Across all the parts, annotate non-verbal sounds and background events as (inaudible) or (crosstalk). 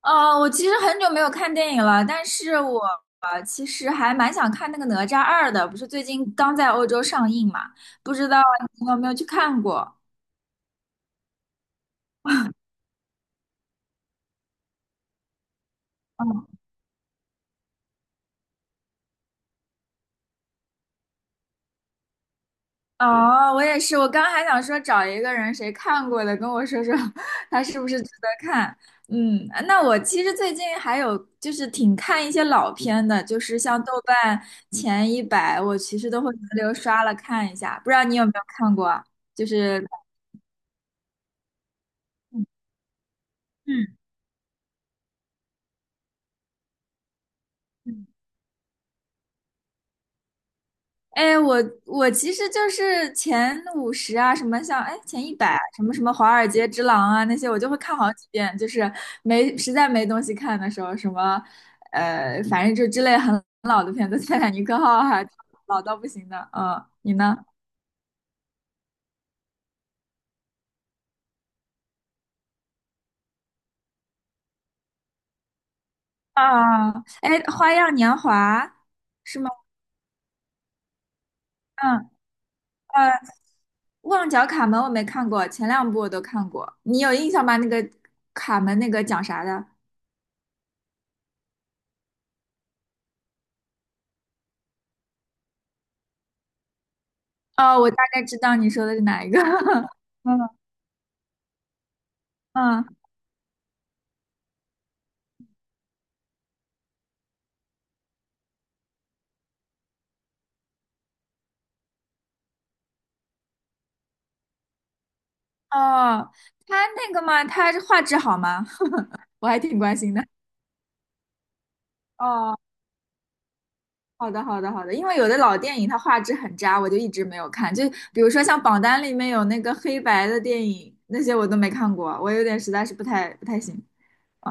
我其实很久没有看电影了，但是我其实还蛮想看那个《哪吒二》的，不是最近刚在欧洲上映嘛？不知道你有没有去看过？嗯。哦，我也是，我刚还想说找一个人谁看过的，跟我说说 (laughs) 他是不是值得看。嗯，那我其实最近还有就是挺看一些老片的，就是像豆瓣前一百，我其实都会轮流刷了看一下，不知道你有没有看过啊？就是，嗯。哎，我其实就是前50啊，什么像哎前一百什么什么《华尔街之狼》啊那些，我就会看好几遍，就是没实在没东西看的时候，什么反正就之类很老的片子，《泰坦尼克号》还 (laughs) 老到不行的。嗯，你呢？啊，哎，《花样年华》是吗？嗯。呃，《旺角卡门》我没看过，前两部我都看过，你有印象吗？那个卡门那个讲啥的？哦，我大概知道你说的是哪一个。(laughs) 嗯。嗯。哦，他那个嘛，他画质好吗？(laughs) 我还挺关心的。哦，好的，好的，好的。因为有的老电影它画质很渣，我就一直没有看。就比如说像榜单里面有那个黑白的电影，那些我都没看过，我有点实在是不太行。哦。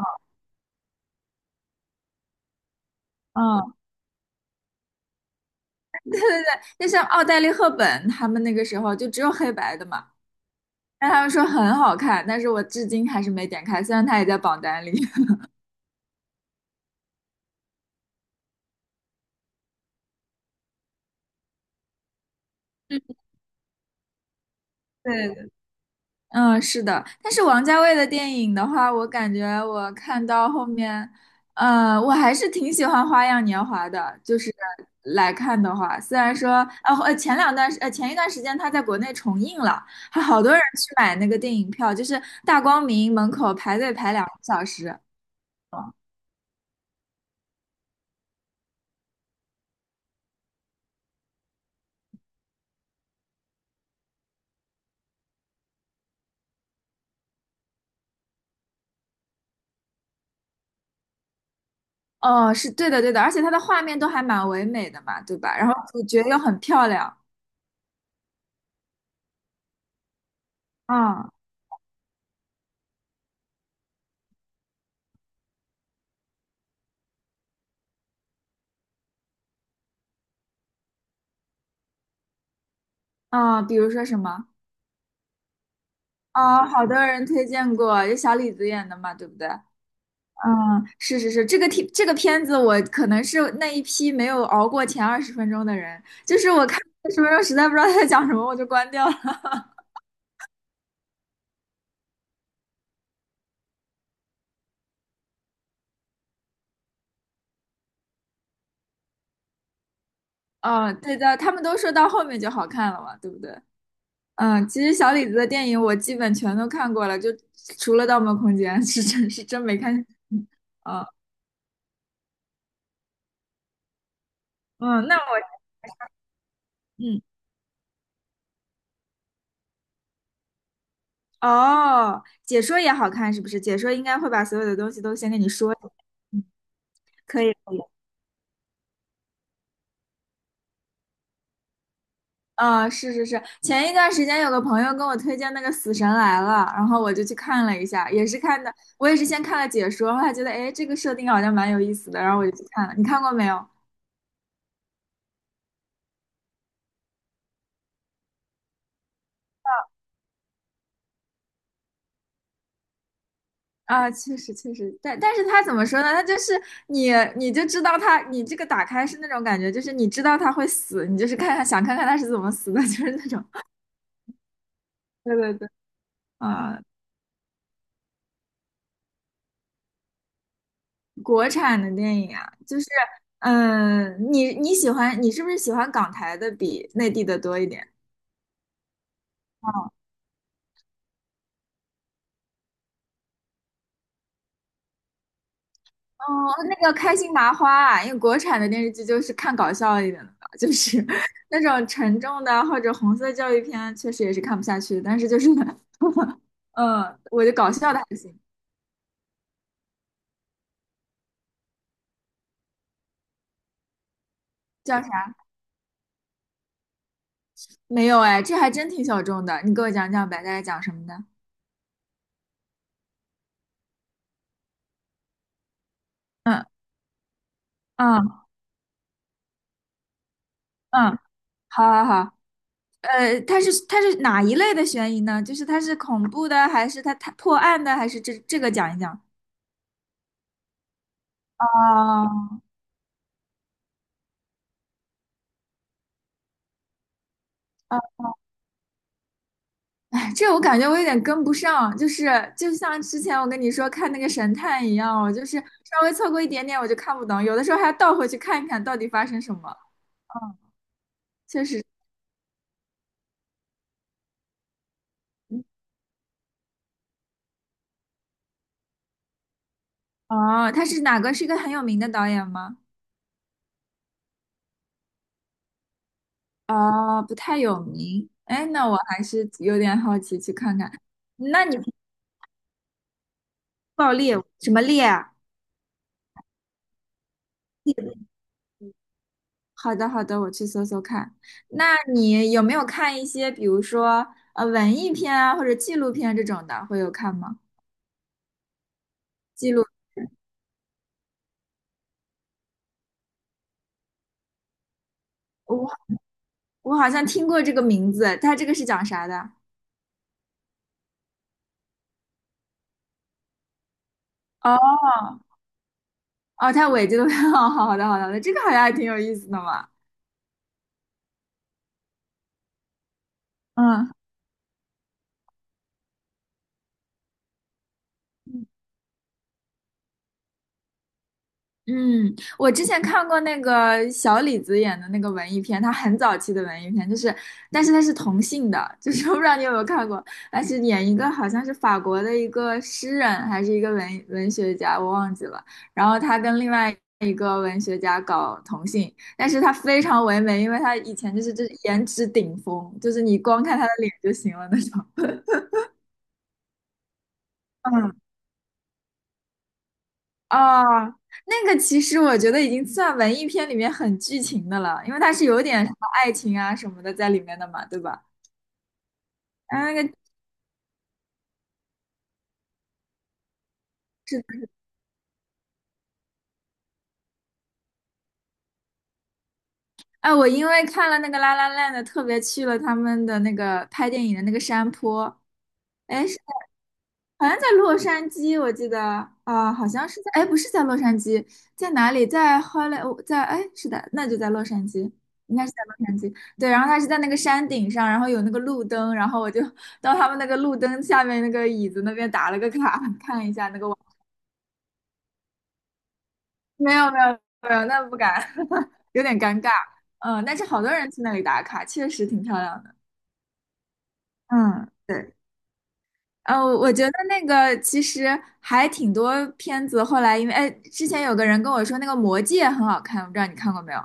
嗯。(laughs) 对对对，就像奥黛丽·赫本他们那个时候就只有黑白的嘛，但他们说很好看，但是我至今还是没点开，虽然它也在榜单里。(laughs) 对。嗯，是的，但是王家卫的电影的话，我感觉我看到后面，我还是挺喜欢《花样年华》的，就是来看的话，虽然说，前一段时间他在国内重映了，还好多人去买那个电影票，就是大光明门口排队排2个小时。嗯。哦，是对的，对的，而且它的画面都还蛮唯美的嘛，对吧？然后主角又很漂亮，嗯嗯，比如说什么？啊，好多人推荐过，有小李子演的嘛，对不对？嗯，是是是，这个题这个片子我可能是那一批没有熬过前20分钟的人，就是我看二十分钟实在不知道他在讲什么，我就关掉了。(laughs) 嗯，对的，他们都说到后面就好看了嘛，对不对？嗯，其实小李子的电影我基本全都看过了，就除了《盗梦空间》是真没看。嗯嗯，那我嗯哦，解说也好看是不是？解说应该会把所有的东西都先跟你说。嗯，可以。啊，是是是，前一段时间有个朋友跟我推荐那个《死神来了》，然后我就去看了一下，也是看的，我也是先看了解说，后来觉得哎，这个设定好像蛮有意思的，然后我就去看了。你看过没有？啊，确实确实，但是他怎么说呢？他就是你你就知道他，你这个打开是那种感觉，就是你知道他会死，你就是看看想看看他是怎么死的，(laughs) 就是那种。对对对，啊，国产的电影啊，就是。嗯，你是不是喜欢港台的比内地的多一点？哦，那个开心麻花啊，因为国产的电视剧就是看搞笑一点的吧，就是 (laughs) 那种沉重的或者红色教育片，确实也是看不下去的。但是就是，(laughs) 嗯，我就搞笑的还行。叫啥？没有哎，这还真挺小众的。你给我讲讲呗，大概讲什么的？嗯嗯嗯，好好好。它是哪一类的悬疑呢？就是它是恐怖的，还是它破案的，还是这个讲一讲？哦，这我感觉我有点跟不上，就是就像之前我跟你说看那个神探一样，我就是稍微错过一点点我就看不懂，有的时候还要倒回去看一看到底发生什么。嗯，确实。哦，他是哪个？是一个很有名的导演吗？哦，不太有名。哎，那我还是有点好奇去看看。那你爆裂什么裂啊？好的，好的，我去搜搜看。那你有没有看一些，比如说文艺片啊，或者纪录片这种的，会有看吗？记录。我好像听过这个名字，它这个是讲啥的？哦。哦，它尾这个，(laughs) 好的好的好的，这个好像还挺有意思的嘛。嗯嗯。我之前看过那个小李子演的那个文艺片，他很早期的文艺片，就是，但是他是同性的，(laughs) 就是我不知道你有没有看过，他是演一个好像是法国的一个诗人还是一个文学家，我忘记了，然后他跟另外一个文学家搞同性，但是他非常唯美，因为他以前就是颜值顶峰，就是你光看他的脸就行了那种。(laughs) 嗯。哦，那个其实我觉得已经算文艺片里面很剧情的了，因为它是有点什么爱情啊什么的在里面的嘛，对吧？然后那个，哎，我因为看了那个《La La n d》 特别去了他们的那个拍电影的那个山坡，哎，好像在洛杉矶，我记得啊，好像是在，哎，不是在洛杉矶，在哪里？在 h o 我在，哎，是的，那就在洛杉矶，应该是在洛杉矶。对，然后他是在那个山顶上，然后有那个路灯，然后我就到他们那个路灯下面那个椅子那边打了个卡，(laughs) 看一下那个网。没有，没有，没有，那不敢，(laughs) 有点尴尬。嗯，但是好多人去那里打卡，确实挺漂亮的。嗯，对。我觉得那个其实还挺多片子，后来因为哎，之前有个人跟我说那个《魔戒》很好看，我不知道你看过没有？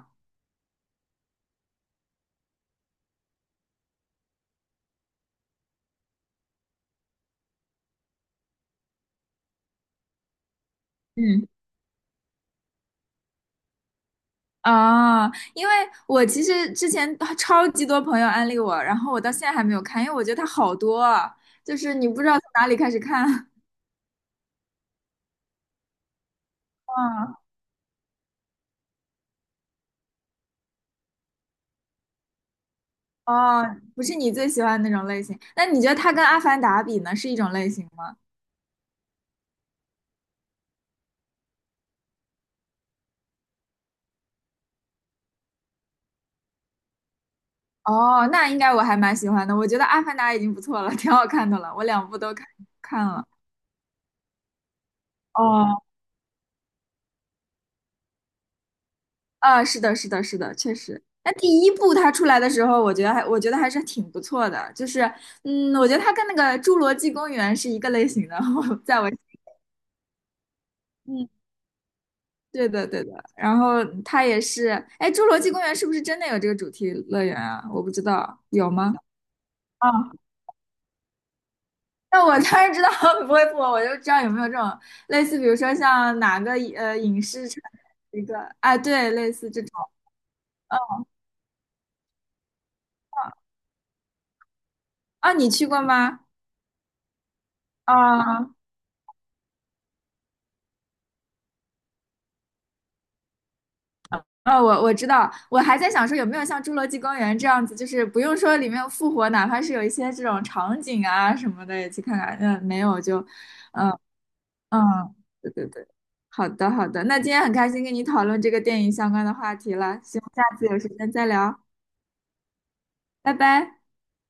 嗯，啊，因为我其实之前啊超级多朋友安利我，然后我到现在还没有看，因为我觉得它好多啊，就是你不知道从哪里开始看。(laughs) 嗯，哦，不是你最喜欢的那种类型，那你觉得它跟《阿凡达》比呢，是一种类型吗？哦，那应该我还蛮喜欢的，我觉得《阿凡达》已经不错了，挺好看的了，我两部都看了。哦，啊，是的，是的，是的，确实。那第一部它出来的时候，我觉得还是挺不错的，就是嗯，我觉得它跟那个《侏罗纪公园》是一个类型的。(laughs) 在我嗯。对的，对的。然后它也是，哎，《侏罗纪公园》是不是真的有这个主题乐园啊？我不知道，有吗？啊，(laughs) 那我当然知道 (laughs) 不会不，我就知道有没有这种类似，比如说像哪个影视产一个，哎，对，类似这种。嗯啊，你去过吗？啊。哦，我知道，我还在想说有没有像《侏罗纪公园》这样子，就是不用说里面有复活，哪怕是有一些这种场景啊什么的也去看看。嗯，没有就，嗯嗯，对对对，好的好的，那今天很开心跟你讨论这个电影相关的话题了，希望下次有时间再聊，拜拜。